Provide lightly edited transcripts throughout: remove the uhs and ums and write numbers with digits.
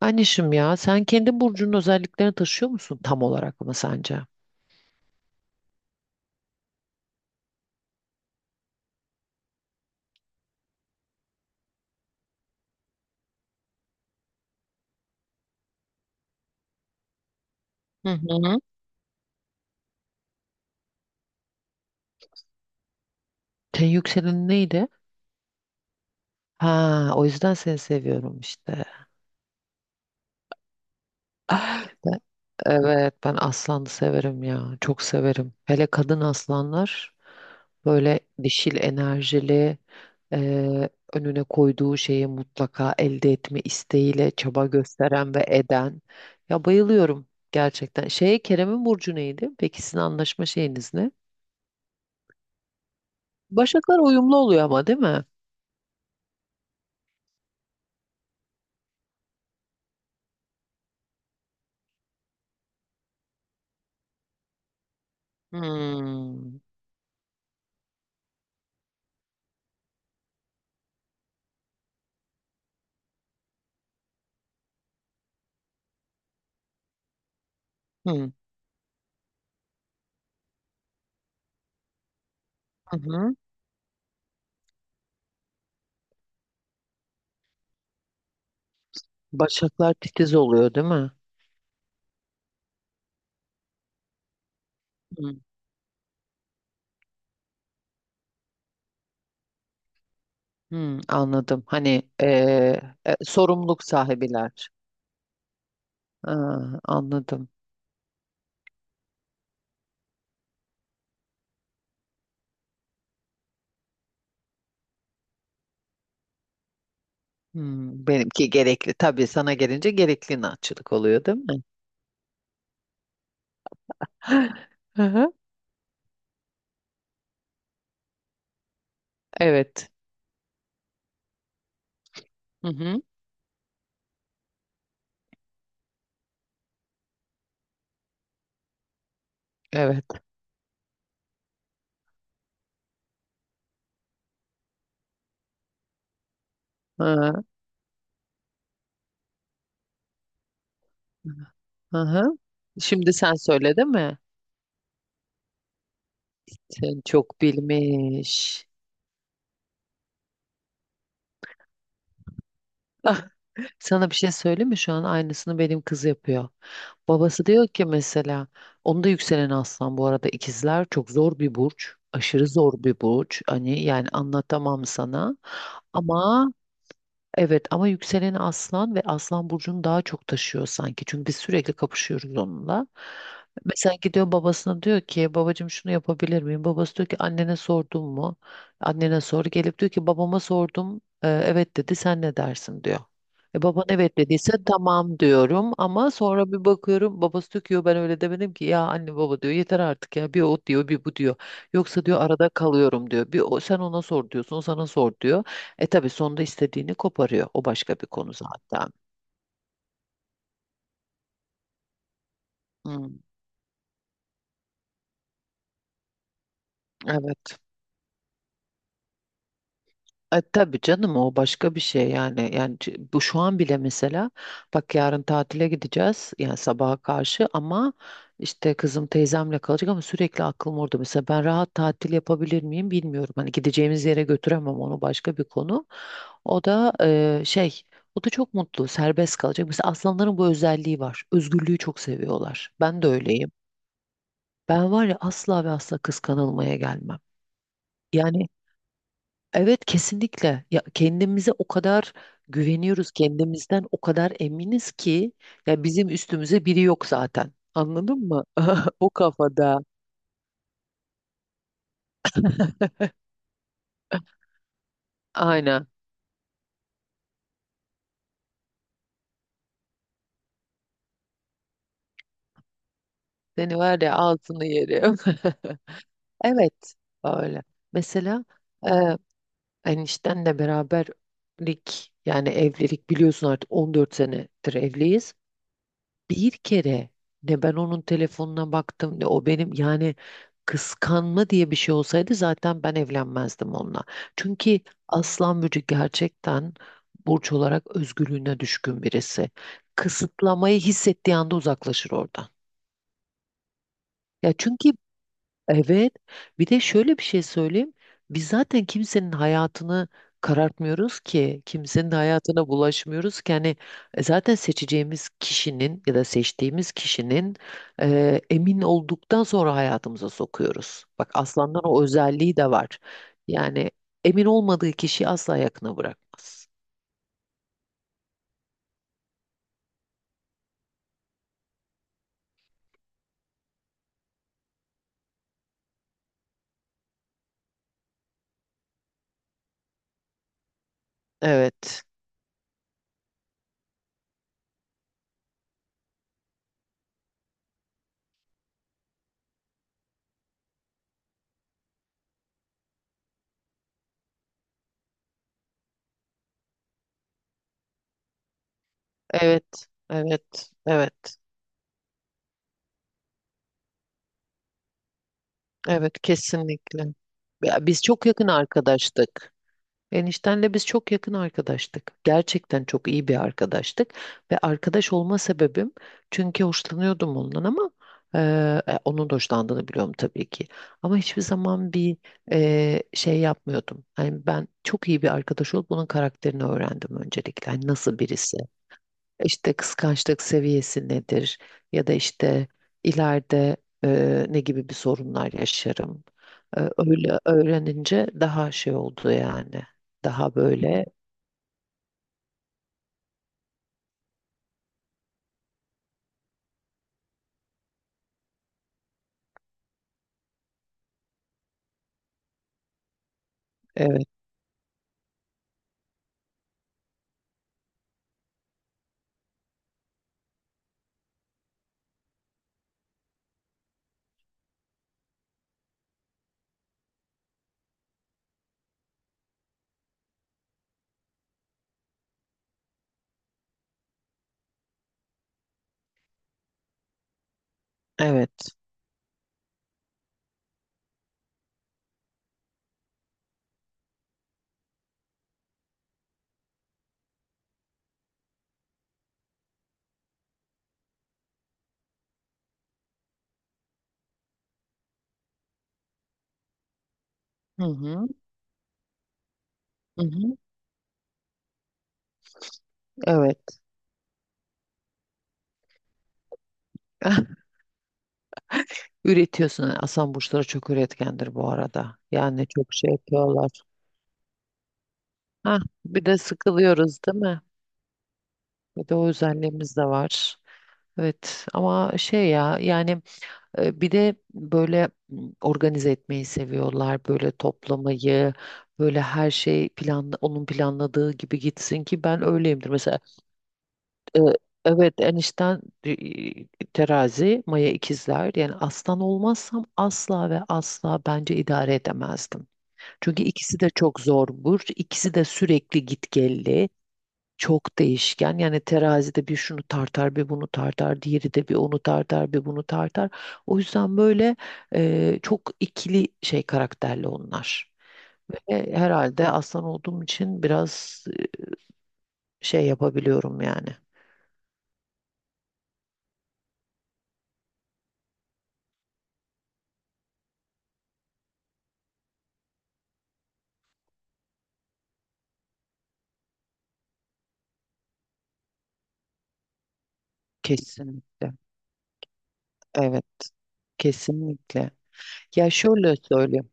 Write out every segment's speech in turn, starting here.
Anişim, ya sen kendi burcunun özelliklerini taşıyor musun, tam olarak mı sence? Hı hı. Senin yükselenin neydi? Ha, o yüzden seni seviyorum işte. Ah. Evet, ben aslanı severim ya. Çok severim. Hele kadın aslanlar, böyle dişil enerjili, eee, önüne koyduğu şeyi mutlaka elde etme isteğiyle çaba gösteren ve eden. Ya bayılıyorum gerçekten. Şey, Kerem'in burcu neydi? Peki sizin anlaşma şeyiniz ne? Başaklar uyumlu oluyor ama, değil mi? Hmm. Hmm. Hı hı. Başaklar titiz oluyor değil mi? Hmm. Hmm, anladım. Hani sorumluluk sahibiler. Aa, anladım. Hmm, benimki gerekli. Tabii sana gelince gerekli inatçılık oluyor, değil mi? Hı hı. Evet. Hı hı, evet. Hı hı. Hı. Şimdi sen söyle, değil mi? Sen çok bilmiş. Ah, sana bir şey söyleyeyim mi? Şu an aynısını benim kız yapıyor. Babası diyor ki mesela, onda yükselen aslan. Bu arada ikizler çok zor bir burç. Aşırı zor bir burç. Hani yani anlatamam sana. Ama evet, ama yükseleni aslan ve aslan burcunu daha çok taşıyor sanki. Çünkü biz sürekli kapışıyoruz onunla. Mesela gidiyor babasına, diyor ki babacığım şunu yapabilir miyim? Babası diyor ki annene sordun mu? Annene sor. Gelip diyor ki babama sordum. Evet dedi, sen ne dersin diyor. E, baban evet dediyse tamam diyorum, ama sonra bir bakıyorum babası diyor ki "Yo, ben öyle demedim ki." Ya anne baba, diyor, yeter artık ya, bir o diyor bir bu diyor. Yoksa diyor arada kalıyorum diyor. Bir o, sen ona sor diyorsun, o sana sor diyor. E tabii sonunda istediğini koparıyor. O başka bir konu zaten. Hmm, evet. E tabii canım, o başka bir şey yani. Yani bu şu an bile mesela, bak yarın tatile gideceğiz, yani sabaha karşı, ama işte kızım teyzemle kalacak ama sürekli aklım orada. Mesela ben rahat tatil yapabilir miyim bilmiyorum. Hani gideceğimiz yere götüremem, onu başka bir konu. O da e, şey o da çok mutlu, serbest kalacak. Mesela aslanların bu özelliği var. Özgürlüğü çok seviyorlar. Ben de öyleyim. Ben var ya, asla ve asla kıskanılmaya gelmem. Yani evet, kesinlikle, ya kendimize o kadar güveniyoruz, kendimizden o kadar eminiz ki, ya bizim üstümüze biri yok zaten. Anladın mı? O kafada. Aynen. Seni var ya, altını yerim. Evet, öyle. Mesela e, eniştenle beraberlik, yani evlilik, biliyorsun artık 14 senedir evliyiz. Bir kere ne ben onun telefonuna baktım, ne o benim. Yani kıskanma diye bir şey olsaydı zaten ben evlenmezdim onunla. Çünkü Aslan Burcu gerçekten burç olarak özgürlüğüne düşkün birisi. Kısıtlamayı hissettiği anda uzaklaşır oradan. Ya çünkü evet. Bir de şöyle bir şey söyleyeyim. Biz zaten kimsenin hayatını karartmıyoruz ki, kimsenin hayatına bulaşmıyoruz ki. Hani zaten seçeceğimiz kişinin ya da seçtiğimiz kişinin, emin olduktan sonra hayatımıza sokuyoruz. Bak aslandan o özelliği de var. Yani emin olmadığı kişiyi asla yakına bırakmaz. Evet, evet, evet, evet, evet, kesinlikle. Ya biz çok yakın arkadaştık. Eniştenle biz çok yakın arkadaştık. Gerçekten çok iyi bir arkadaştık. Ve arkadaş olma sebebim, çünkü hoşlanıyordum ondan, ama e, onun da hoşlandığını biliyorum tabii ki. Ama hiçbir zaman bir yapmıyordum. Yani ben çok iyi bir arkadaş olup bunun karakterini öğrendim öncelikle. Yani nasıl birisi? İşte kıskançlık seviyesi nedir, ya da işte ileride ne gibi bir sorunlar yaşarım. E, öyle öğrenince daha şey oldu yani. Daha böyle evet evet. Hı hı, hı hı, evet. Üretiyorsun. Aslan burçları çok üretkendir bu arada. Yani çok şey yapıyorlar. Hah, bir de sıkılıyoruz değil mi? Bir de o özelliğimiz de var. Evet ama şey ya yani. E, bir de böyle organize etmeyi seviyorlar, böyle toplamayı, böyle her şey planla, onun planladığı gibi gitsin ki, ben öyleyimdir. Mesela e, evet, enişten terazi, Maya ikizler. Yani aslan olmazsam asla ve asla bence idare edemezdim. Çünkü ikisi de çok zor burç, ikisi de sürekli gitgelli, çok değişken. Yani terazide bir şunu tartar, bir bunu tartar, diğeri de bir onu tartar, bir bunu tartar. O yüzden böyle çok ikili şey karakterli onlar. Ve herhalde aslan olduğum için biraz yapabiliyorum yani. Kesinlikle. Evet, kesinlikle. Ya şöyle söylüyorum.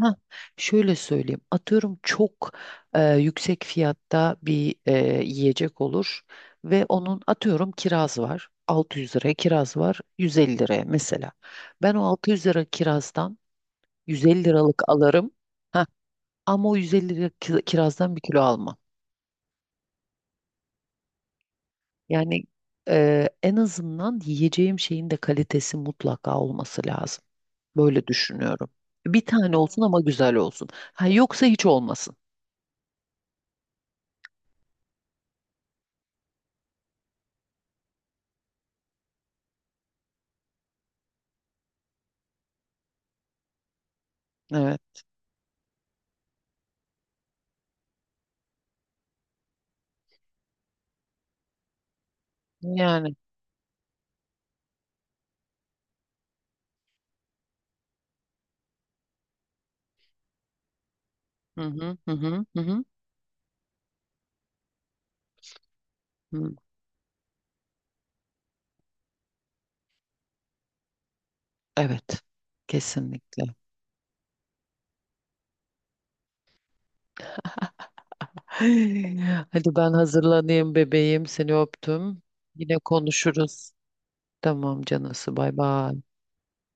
Ha, şöyle söyleyeyim. Atıyorum çok yüksek fiyatta bir yiyecek olur, ve onun atıyorum kiraz var. 600 liraya kiraz var, 150 liraya mesela. Ben o 600 lira kirazdan 150 liralık alırım. Ha, ama o 150 lira kirazdan bir kilo almam. Yani en azından yiyeceğim şeyin de kalitesi mutlaka olması lazım. Böyle düşünüyorum. Bir tane olsun ama güzel olsun. Ha, yoksa hiç olmasın. Evet. Yani. Hı hı hı hı hı. Hı. Hı. Evet. Kesinlikle. Hadi ben hazırlanayım bebeğim. Seni öptüm. Yine konuşuruz. Tamam canısı. Bay bay.